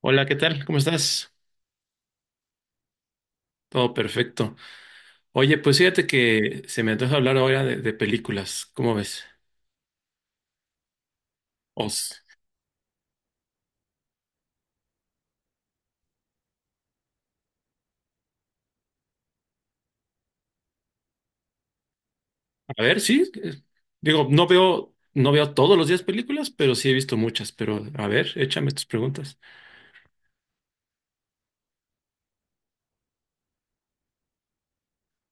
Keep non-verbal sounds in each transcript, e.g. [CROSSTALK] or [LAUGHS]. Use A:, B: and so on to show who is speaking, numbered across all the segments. A: Hola, ¿qué tal? ¿Cómo estás? Todo perfecto. Oye, pues fíjate que se me antoja hablar ahora de películas. ¿Cómo ves? Os- a ver, sí. Digo, no veo todos los días películas, pero sí he visto muchas. Pero a ver, échame tus preguntas.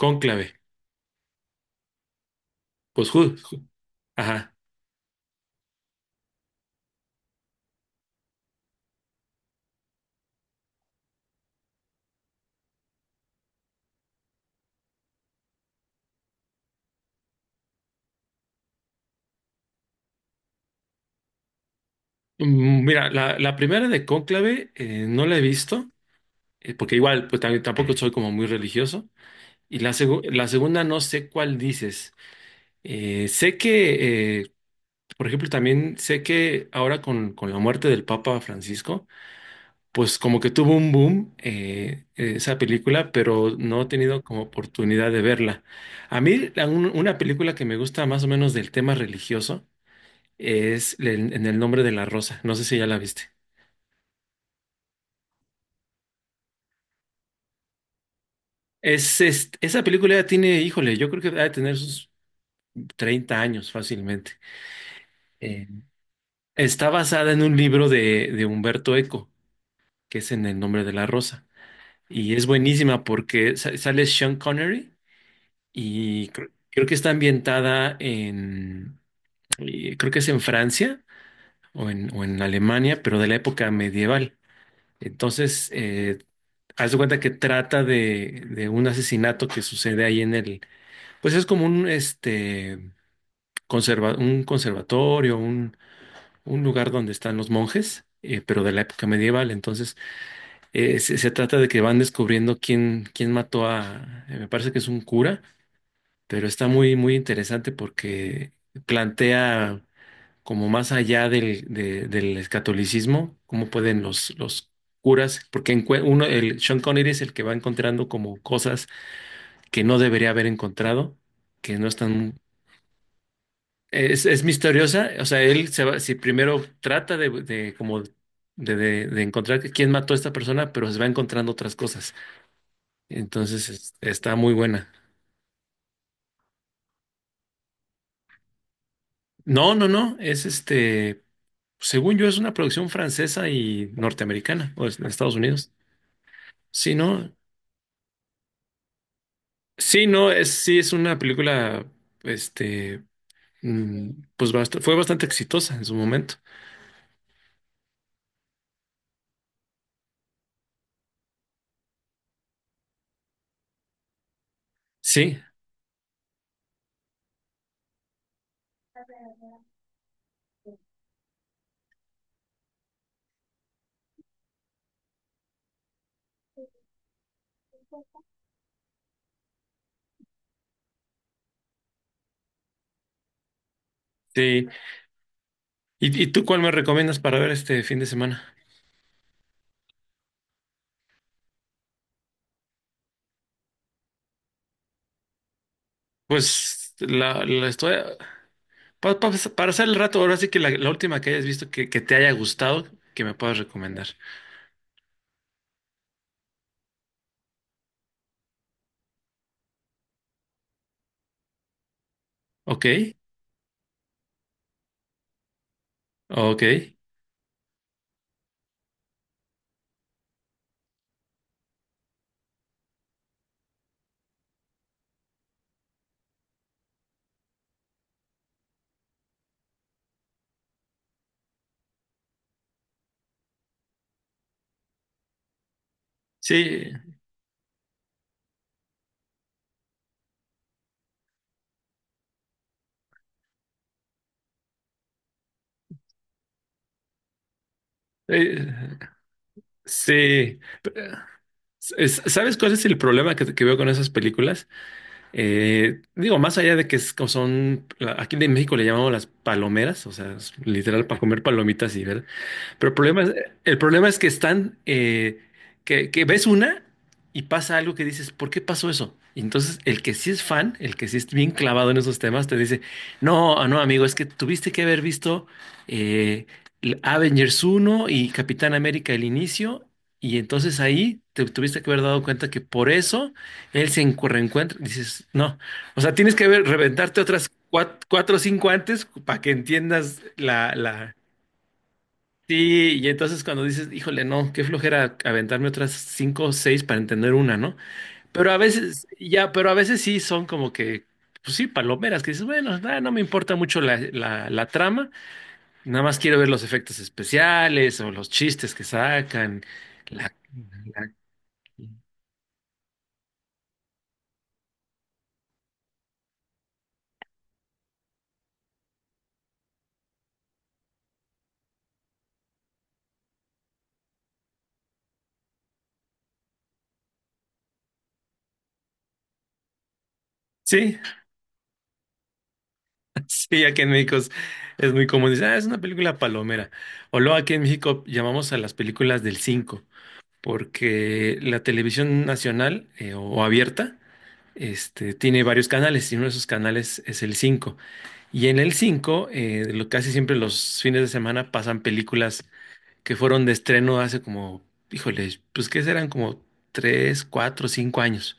A: Cónclave. Pues, ajá. Mira, la primera de Cónclave no la he visto, porque igual, pues tampoco soy como muy religioso. Y la segunda no sé cuál dices. Sé que Por ejemplo, también sé que ahora con la muerte del Papa Francisco, pues como que tuvo un boom esa película, pero no he tenido como oportunidad de verla. A mí una película que me gusta más o menos del tema religioso es En el nombre de la rosa. No sé si ya la viste. Esa película ya tiene, híjole, yo creo que va a tener sus 30 años fácilmente. Eh, Está basada en un libro de Humberto Eco, que es En el nombre de la rosa. Y es buenísima porque sale Sean Connery y creo que está ambientada en, creo que es en Francia o en Alemania, pero de la época medieval. Entonces, haz de cuenta que trata de un asesinato que sucede ahí en el, pues es como un conservatorio, un lugar donde están los monjes, pero de la época medieval. Entonces, se trata de que van descubriendo quién mató a, me parece que es un cura, pero está muy, muy interesante porque plantea como más allá del catolicismo, cómo pueden los curas, porque uno, el Sean Connery es el que va encontrando como cosas que no debería haber encontrado, que no están, es misteriosa, o sea, él se va, si primero trata de como de encontrar quién mató a esta persona, pero se va encontrando otras cosas. Entonces está muy buena. No, no, no, según yo es una producción francesa y norteamericana, o es de Estados Unidos. Sí, no, sí, no, sí es una película, este, mm, pues fue bastante exitosa en su momento. Sí, sí. ¿Y tú cuál me recomiendas para ver este fin de semana? Pues la estoy, para hacer el rato, ahora sí que la última que hayas visto que te haya gustado, que me puedas recomendar. Ok, ok. Sí, Eh, sí. ¿Sabes cuál es el problema que veo con esas películas? Digo, más allá de que es como son, aquí en México le llamamos las palomeras, o sea, es literal para comer palomitas y ver. Pero el problema es que están, que ves una y pasa algo que dices, ¿por qué pasó eso? Y entonces el que sí es fan, el que sí es bien clavado en esos temas, te dice, no, ah, no, amigo, es que tuviste que haber visto eh, Avengers uno y Capitán América el inicio, y entonces ahí te tuviste que haber dado cuenta que por eso él se reencuentra. Dices, no, o sea, tienes que haber, reventarte otras cuatro, o cinco antes para que entiendas la. Sí, y entonces cuando dices, híjole, no, qué flojera aventarme otras cinco o seis para entender una, ¿no? Pero a veces, ya, pero a veces sí son como que, pues sí, palomeras, que dices, bueno, ah, no me importa mucho la trama, nada más quiero ver los efectos especiales o los chistes que sacan. la- la- Sí, [LAUGHS] sí, aquí en México es muy común, dices, ah, es una película palomera. O luego aquí en México llamamos a las películas del cinco, porque la televisión nacional o abierta. Tiene varios canales y uno de esos canales es el cinco. Y en el 5 casi siempre los fines de semana pasan películas que fueron de estreno hace como, híjole, pues que serán como 3, 4, 5 años.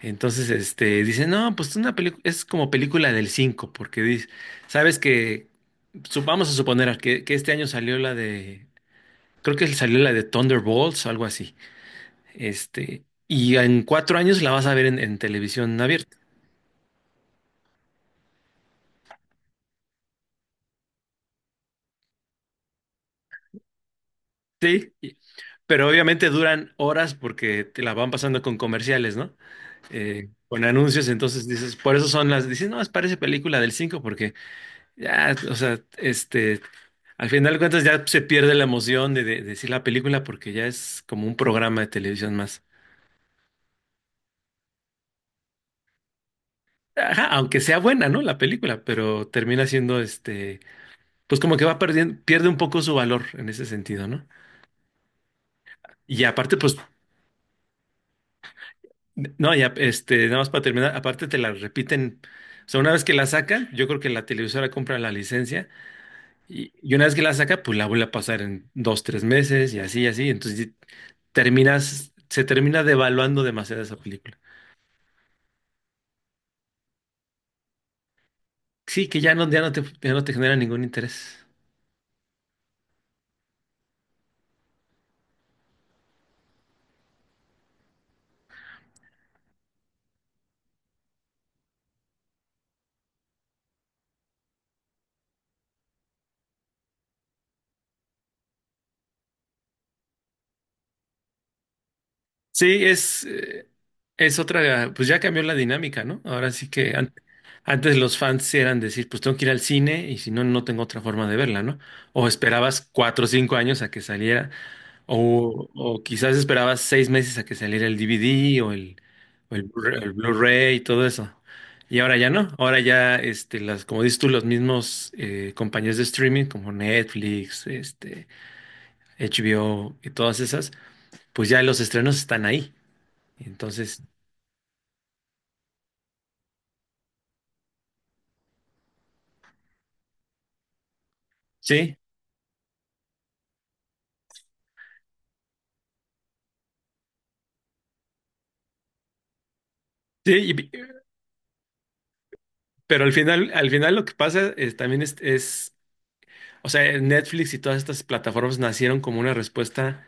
A: Entonces, dicen, no, pues una película, es como película del 5 porque dice, sabes que, vamos a suponer que este año salió la de, creo que salió la de Thunderbolts o algo así. Y en 4 años la vas a ver en televisión abierta. Sí, pero obviamente duran horas porque te la van pasando con comerciales, ¿no? Con anuncios, entonces dices, por eso son las, dices, no, es parece película del 5 porque ya, o sea, al final de cuentas ya se pierde la emoción de decir la película porque ya es como un programa de televisión más. Ajá, aunque sea buena, ¿no? La película, pero termina siendo, pues como que va perdiendo, pierde un poco su valor en ese sentido, ¿no? Y aparte, pues no, ya, nada más para terminar, aparte te la repiten, o sea, una vez que la sacan, yo creo que la televisora compra la licencia y una vez que la saca, pues la vuelve a pasar en dos, tres meses y así, entonces terminas, se termina devaluando demasiado esa película. Sí, que ya no, ya no te genera ningún interés. Sí, es otra, pues ya cambió la dinámica, ¿no? Ahora sí que antes los fans sí eran decir, pues tengo que ir al cine y si no, no tengo otra forma de verla, ¿no? O esperabas 4 o 5 años a que saliera. O quizás esperabas 6 meses a que saliera el DVD o el Blu-ray y todo eso. Y ahora ya no. Ahora ya, las, como dices tú, los mismos compañías de streaming como Netflix, HBO y todas esas, pues ya los estrenos están ahí. Entonces, sí, sí, pero al final lo que pasa es, también es, o sea, Netflix y todas estas plataformas nacieron como una respuesta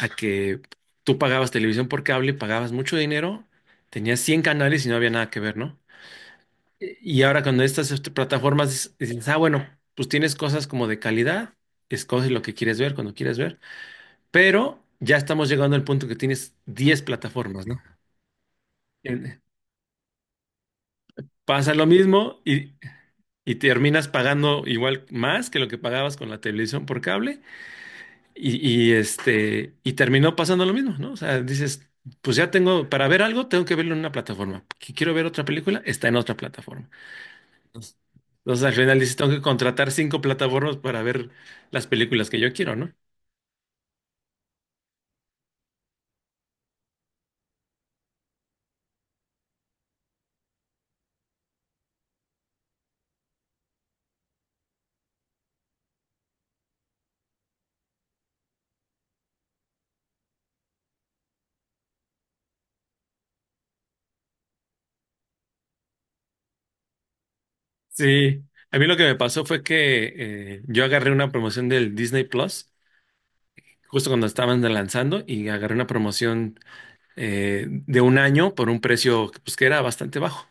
A: a que tú pagabas televisión por cable, pagabas mucho dinero, tenías 100 canales y no había nada que ver, ¿no? Y ahora cuando estas plataformas dices, ah, bueno, pues tienes cosas como de calidad, escoges lo que quieres ver cuando quieres ver, pero ya estamos llegando al punto que tienes 10 plataformas, ¿no? En- Pasa lo mismo y terminas pagando igual más que lo que pagabas con la televisión por cable. Y terminó pasando lo mismo, ¿no? O sea, dices, pues ya tengo, para ver algo, tengo que verlo en una plataforma. Que quiero ver otra película, está en otra plataforma. Entonces entonces, al final dices, tengo que contratar cinco plataformas para ver las películas que yo quiero, ¿no? Sí, a mí lo que me pasó fue que yo agarré una promoción del Disney Plus justo cuando estaban lanzando y agarré una promoción de un año por un precio pues, que era bastante bajo.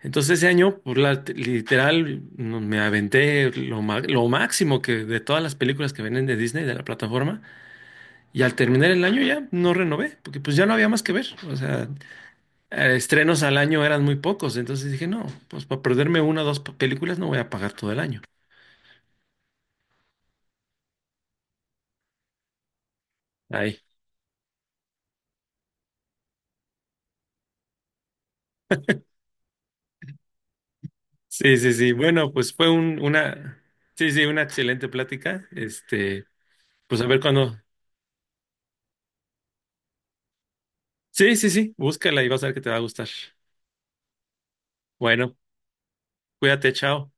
A: Entonces ese año, por la, literal, me aventé lo máximo que de todas las películas que vienen de Disney, de la plataforma, y al terminar el año ya no renové, porque pues ya no había más que ver. O sea, estrenos al año eran muy pocos, entonces dije, no, pues para perderme una o dos películas no voy a pagar todo el año. Ahí. Sí, sí, sí. Bueno, pues fue un, una, sí, sí, una excelente plática. Pues a ver cuándo. Sí, sí, sí, búscala y vas a ver que te va a gustar. Bueno, cuídate, chao.